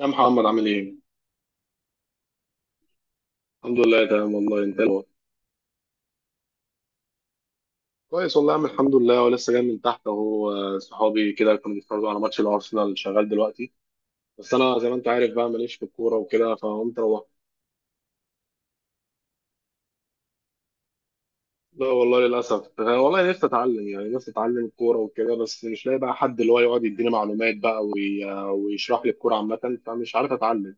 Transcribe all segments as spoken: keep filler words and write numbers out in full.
يا محمد عامل ايه؟ الحمد لله تمام والله. انت إيه الأخبار؟ كويس والله يا عم الحمد لله، ولسه جاي من تحت اهو. آه، صحابي كده كانوا بيتفرجوا على ماتش الارسنال شغال دلوقتي، بس انا زي ما انت عارف بقى ماليش في الكوره وكده، فقمت روحت. لا والله للاسف. آه، والله نفسي اتعلم، يعني نفسي اتعلم الكوره وكده، بس مش لاقي بقى حد اللي هو يقعد يديني معلومات بقى وي... آه، ويشرح لي الكوره عامه، فمش عارف اتعلم.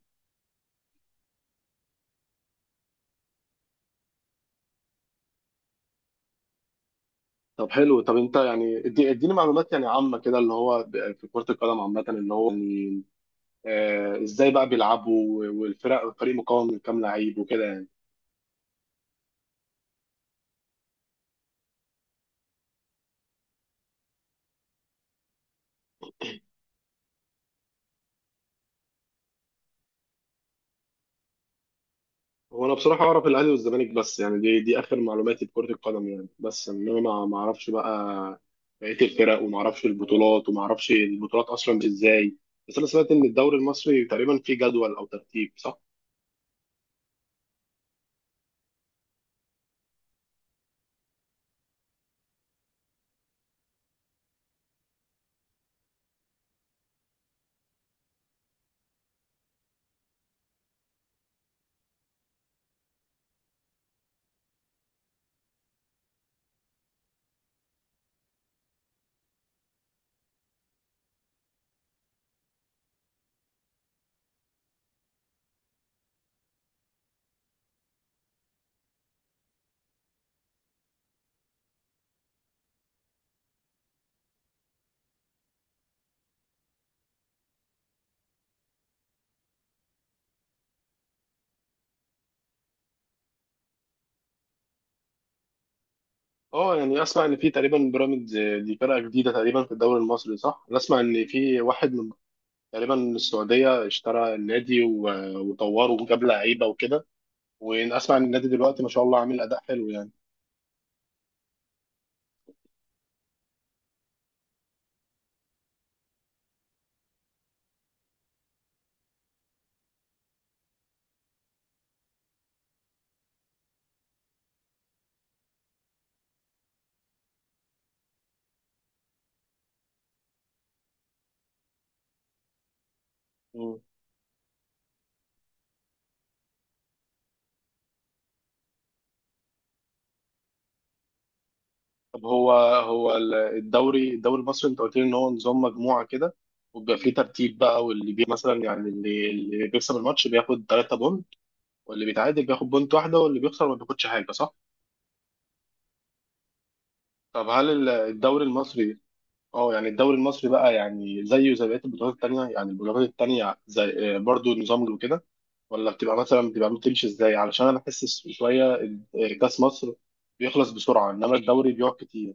طب حلو، طب انت يعني ادي... اديني معلومات يعني عامه كده، اللي هو ب- في كره القدم عامه، اللي هو يعني آه، ازاي بقى بيلعبوا، والفرق الفريق مكون من كام لعيب وكده يعني. هو انا بصراحه اعرف الاهلي والزمالك بس، يعني دي دي اخر معلوماتي بكره القدم يعني، بس انما ما ما اعرفش بقى بقيه الفرق، وما اعرفش البطولات، وما اعرفش البطولات اصلا ازاي. بس انا سمعت ان الدوري المصري تقريبا فيه جدول او ترتيب، صح؟ اه، يعني اسمع ان في تقريبا بيراميدز. آه، دي فرقه جديده تقريبا في الدوري المصري، صح؟ انا اسمع ان في واحد من تقريبا من السعوديه اشترى النادي و- وطوره وجاب لعيبه وكده. واسمع ان النادي دلوقتي ما شاء الله عامل اداء حلو يعني. مم. طب هو، هو ال- الدوري الدوري المصري انت قلت لي ان هو نظام مجموعه كده، وبيبقى فيه ترتيب بقى، واللي بي مثلا يعني اللي, اللي بيكسب الماتش بياخد ثلاثة بونت، واللي بيتعادل بياخد بونت واحده، واللي بيخسر ما بياخدش حاجه، صح؟ طب هل ال- الدوري المصري، اه يعني الدوري المصري بقى يعني زيه زي بقيه البطولات التانيه، يعني البطولات التانيه زي آه، برضو نظام له كده، ولا بتبقى مثلا بتبقى بتمشي ازاي؟ علشان انا بحس شويه آه، كاس مصر بيخلص بسرعه، انما الدوري بيقعد كتير.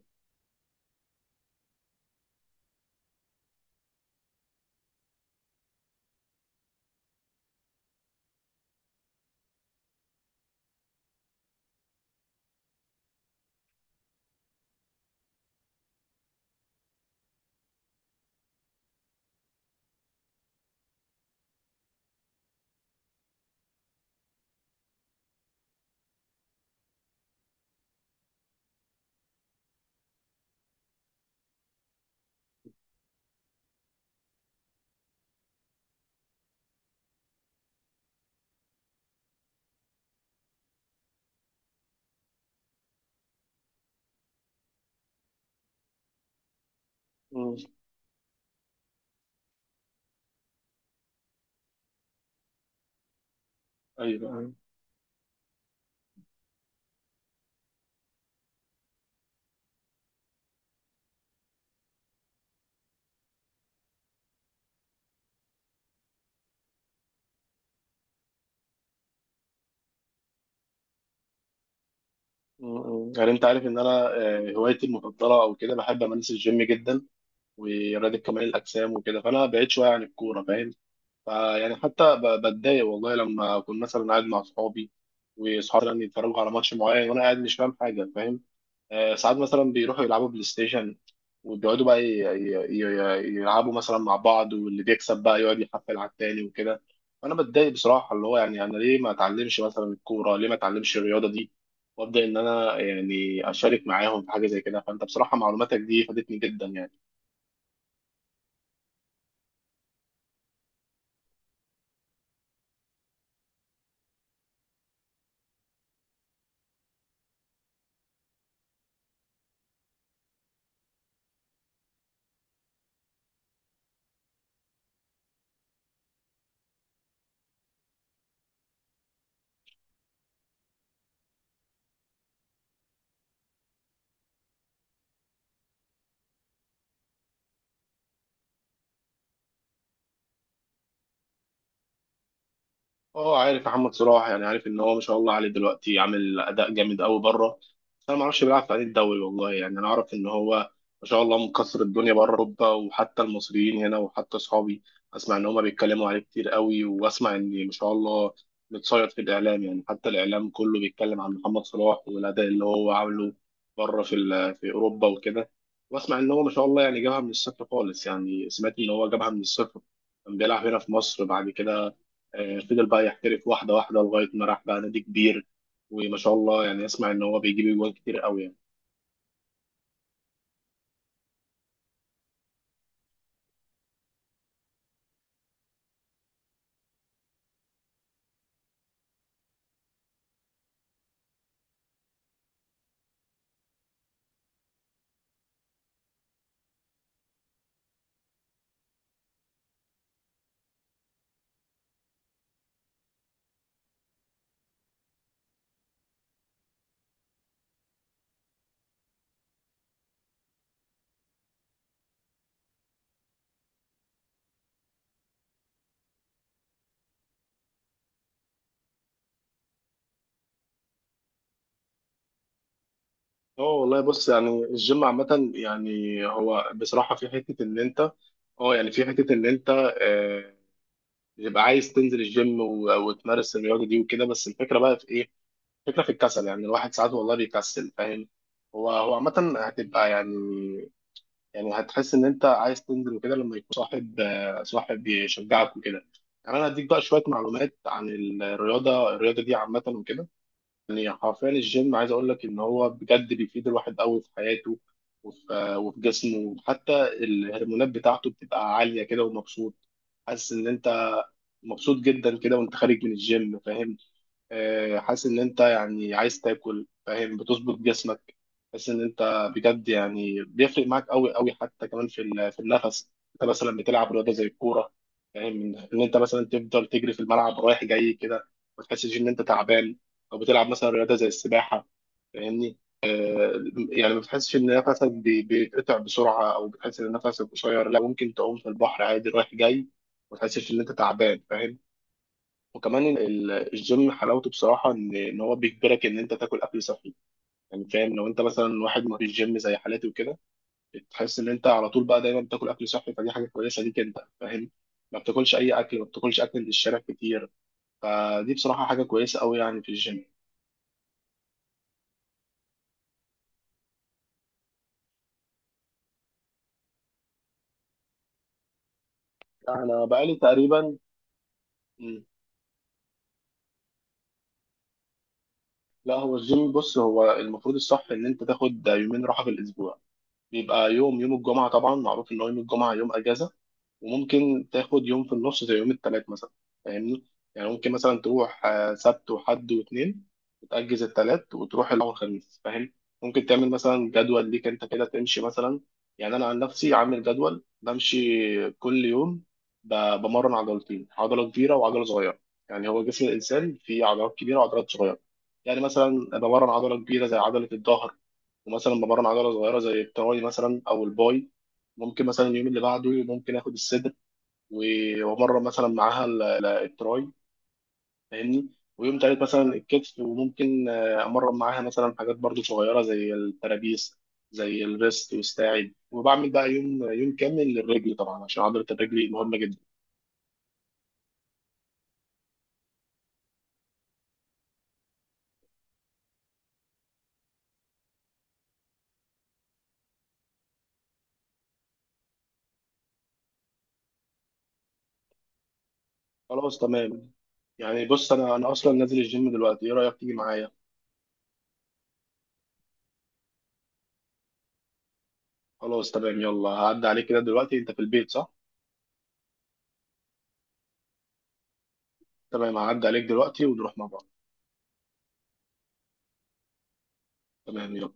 مم. ايوه. مم. ايوه. مم. يعني انت عارف ان انا آه، هوايتي المفضله او كده بحب امارس الجيم جدا، ورياضه كمال الاجسام وكده، فانا بعيد شويه عن الكوره، فاهم؟ فيعني حتى ب- بتضايق والله لما اكون مثلا قاعد مع اصحابي، واصحابي مثلا يتفرجوا على ماتش معين وانا قاعد مش فاهم حاجه، فاهم؟ آه، ساعات مثلا بيروحوا يلعبوا بلاي ستيشن، وبيقعدوا بقى ي- ي- ي- يلعبوا مثلا مع بعض، واللي بيكسب بقى يقعد يحفل على التاني وكده، وانا بتضايق بصراحه، اللي هو يعني انا ليه ما اتعلمش مثلا الكوره، ليه ما اتعلمش الرياضه دي، وابدا ان انا يعني اشارك معاهم في حاجه زي كده. فانت بصراحه معلوماتك دي فادتني جدا يعني. اه، عارف محمد صلاح، يعني عارف ان هو ما شاء الله عليه دلوقتي عامل اداء جامد قوي بره، بس انا ما اعرفش بيلعب في أنهي الدوري والله. يعني انا اعرف ان هو ما شاء الله مكسر الدنيا بره اوروبا، وحتى المصريين هنا وحتى اصحابي اسمع ان هما بيتكلموا عليه كتير قوي. واسمع ان ما شاء الله متصيد في الاعلام، يعني حتى الاعلام كله بيتكلم عن محمد صلاح والاداء اللي هو عامله بره في ال- في اوروبا وكده. واسمع ان هو ما شاء الله يعني جابها من الصفر خالص، يعني سمعت ان هو جابها من الصفر، كان بيلعب هنا في مصر. بعد كده آه، فضل بقى يحترف واحدة واحدة لغاية ما راح بقى نادي كبير، وما شاء الله يعني اسمع ان هو بيجيب جوان كتير قوي يعني. اه والله، بص يعني الجيم عامة يعني، هو بصراحة في حتة ان انت، اه يعني في حتة ان انت آه، بتبقى عايز تنزل الجيم و- وتمارس الرياضة دي وكده، بس الفكرة بقى في ايه؟ الفكرة في الكسل، يعني الواحد ساعات والله بيكسل، فاهم؟ هو هو عامة هتبقى يعني، يعني هتحس ان انت عايز تنزل وكده لما يكون صاحب، آه، صاحب يشجعك وكده. يعني انا هديك بقى شويه معلومات عن الرياضه، الرياضه دي عامه وكده. يعني حرفيا الجيم عايز اقول لك ان هو بجد بيفيد الواحد قوي في حياته، وفي آه، وفي جسمه، وحتى الهرمونات بتاعته بتبقى عاليه كده، ومبسوط، حاسس ان انت مبسوط جدا كده وانت خارج من الجيم، فاهم؟ آه، حاسس ان انت يعني عايز تاكل، فاهم؟ بتظبط جسمك، حاسس ان انت بجد يعني بيفرق معاك قوي قوي. حتى كمان في ال- في النفس، انت مثلا بتلعب رياضه زي الكوره، فاهم ان إن انت مثلا تفضل تجري في الملعب رايح جاي كده، ما تحسش ان انت تعبان، او بتلعب مثلا رياضه زي السباحه، فاهمني؟ آه، يعني ما بتحسش ان نفسك بي- بيتقطع بسرعه، او بتحس ان نفسك قصير، لا ممكن تعوم في البحر عادي رايح جاي، ما تحسش ان انت تعبان، فاهم؟ وكمان ال- ال- الجيم حلاوته بصراحه ان ان هو بيجبرك ان انت تاكل اكل صحي، يعني فاهم؟ لو انت مثلا واحد ما فيش جيم زي حالاتي وكده، تحس ان انت على طول بقى دايما بتاكل اكل صحي، فدي حاجه كويسه ليك انت، فاهم؟ ما بتاكلش اي اكل، ما بتاكلش اكل من الشارع كتير، فدي بصراحه حاجه كويسه قوي يعني في الجيم. يعني انا بقالي تقريبا. مم. لا هو الجيم، بص هو المفروض الصح ان انت تاخد يومين راحه في الاسبوع. بيبقى يوم، يوم الجمعه طبعا معروف ان هو يوم الجمعه يوم اجازه، وممكن تاخد يوم في النص زي يوم التلات مثلا، فاهمني؟ يعني ممكن مثلا تروح آه، سبت وحد واثنين، وتأجز التلات، وتروح الأول والخميس، فاهم؟ ممكن تعمل مثلا جدول ليك أنت كده تمشي مثلا، يعني أنا عن نفسي عامل جدول بمشي كل يوم. ب- بمرن عضلتين، عضلة كبيرة وعضلة صغيرة، يعني هو جسم الإنسان فيه عضلات كبيرة وعضلات صغيرة. يعني مثلا بمرن عضلة كبيرة زي عضلة الظهر، ومثلا بمرن عضلة صغيرة زي التراي مثلا أو الباي. ممكن مثلا اليوم اللي بعده ممكن آخد الصدر و- وامرن مثلا معاها ال- ال- التراي، فاهمني؟ ويوم تالت مثلا الكتف، وممكن آه، امرن معاها مثلا حاجات برضو صغيره زي الترابيس، زي الريست والساعد، وبعمل بقى يوم، يوم كامل للرجل طبعا عشان عضله الرجل مهمه جدا. خلاص تمام. يعني بص انا، انا اصلا نازل الجيم دلوقتي، ايه رايك تيجي معايا؟ خلاص تمام، يلا هعدي عليك كده دلوقتي، انت في البيت صح؟ تمام، هعدي عليك دلوقتي ونروح مع بعض. تمام يلا.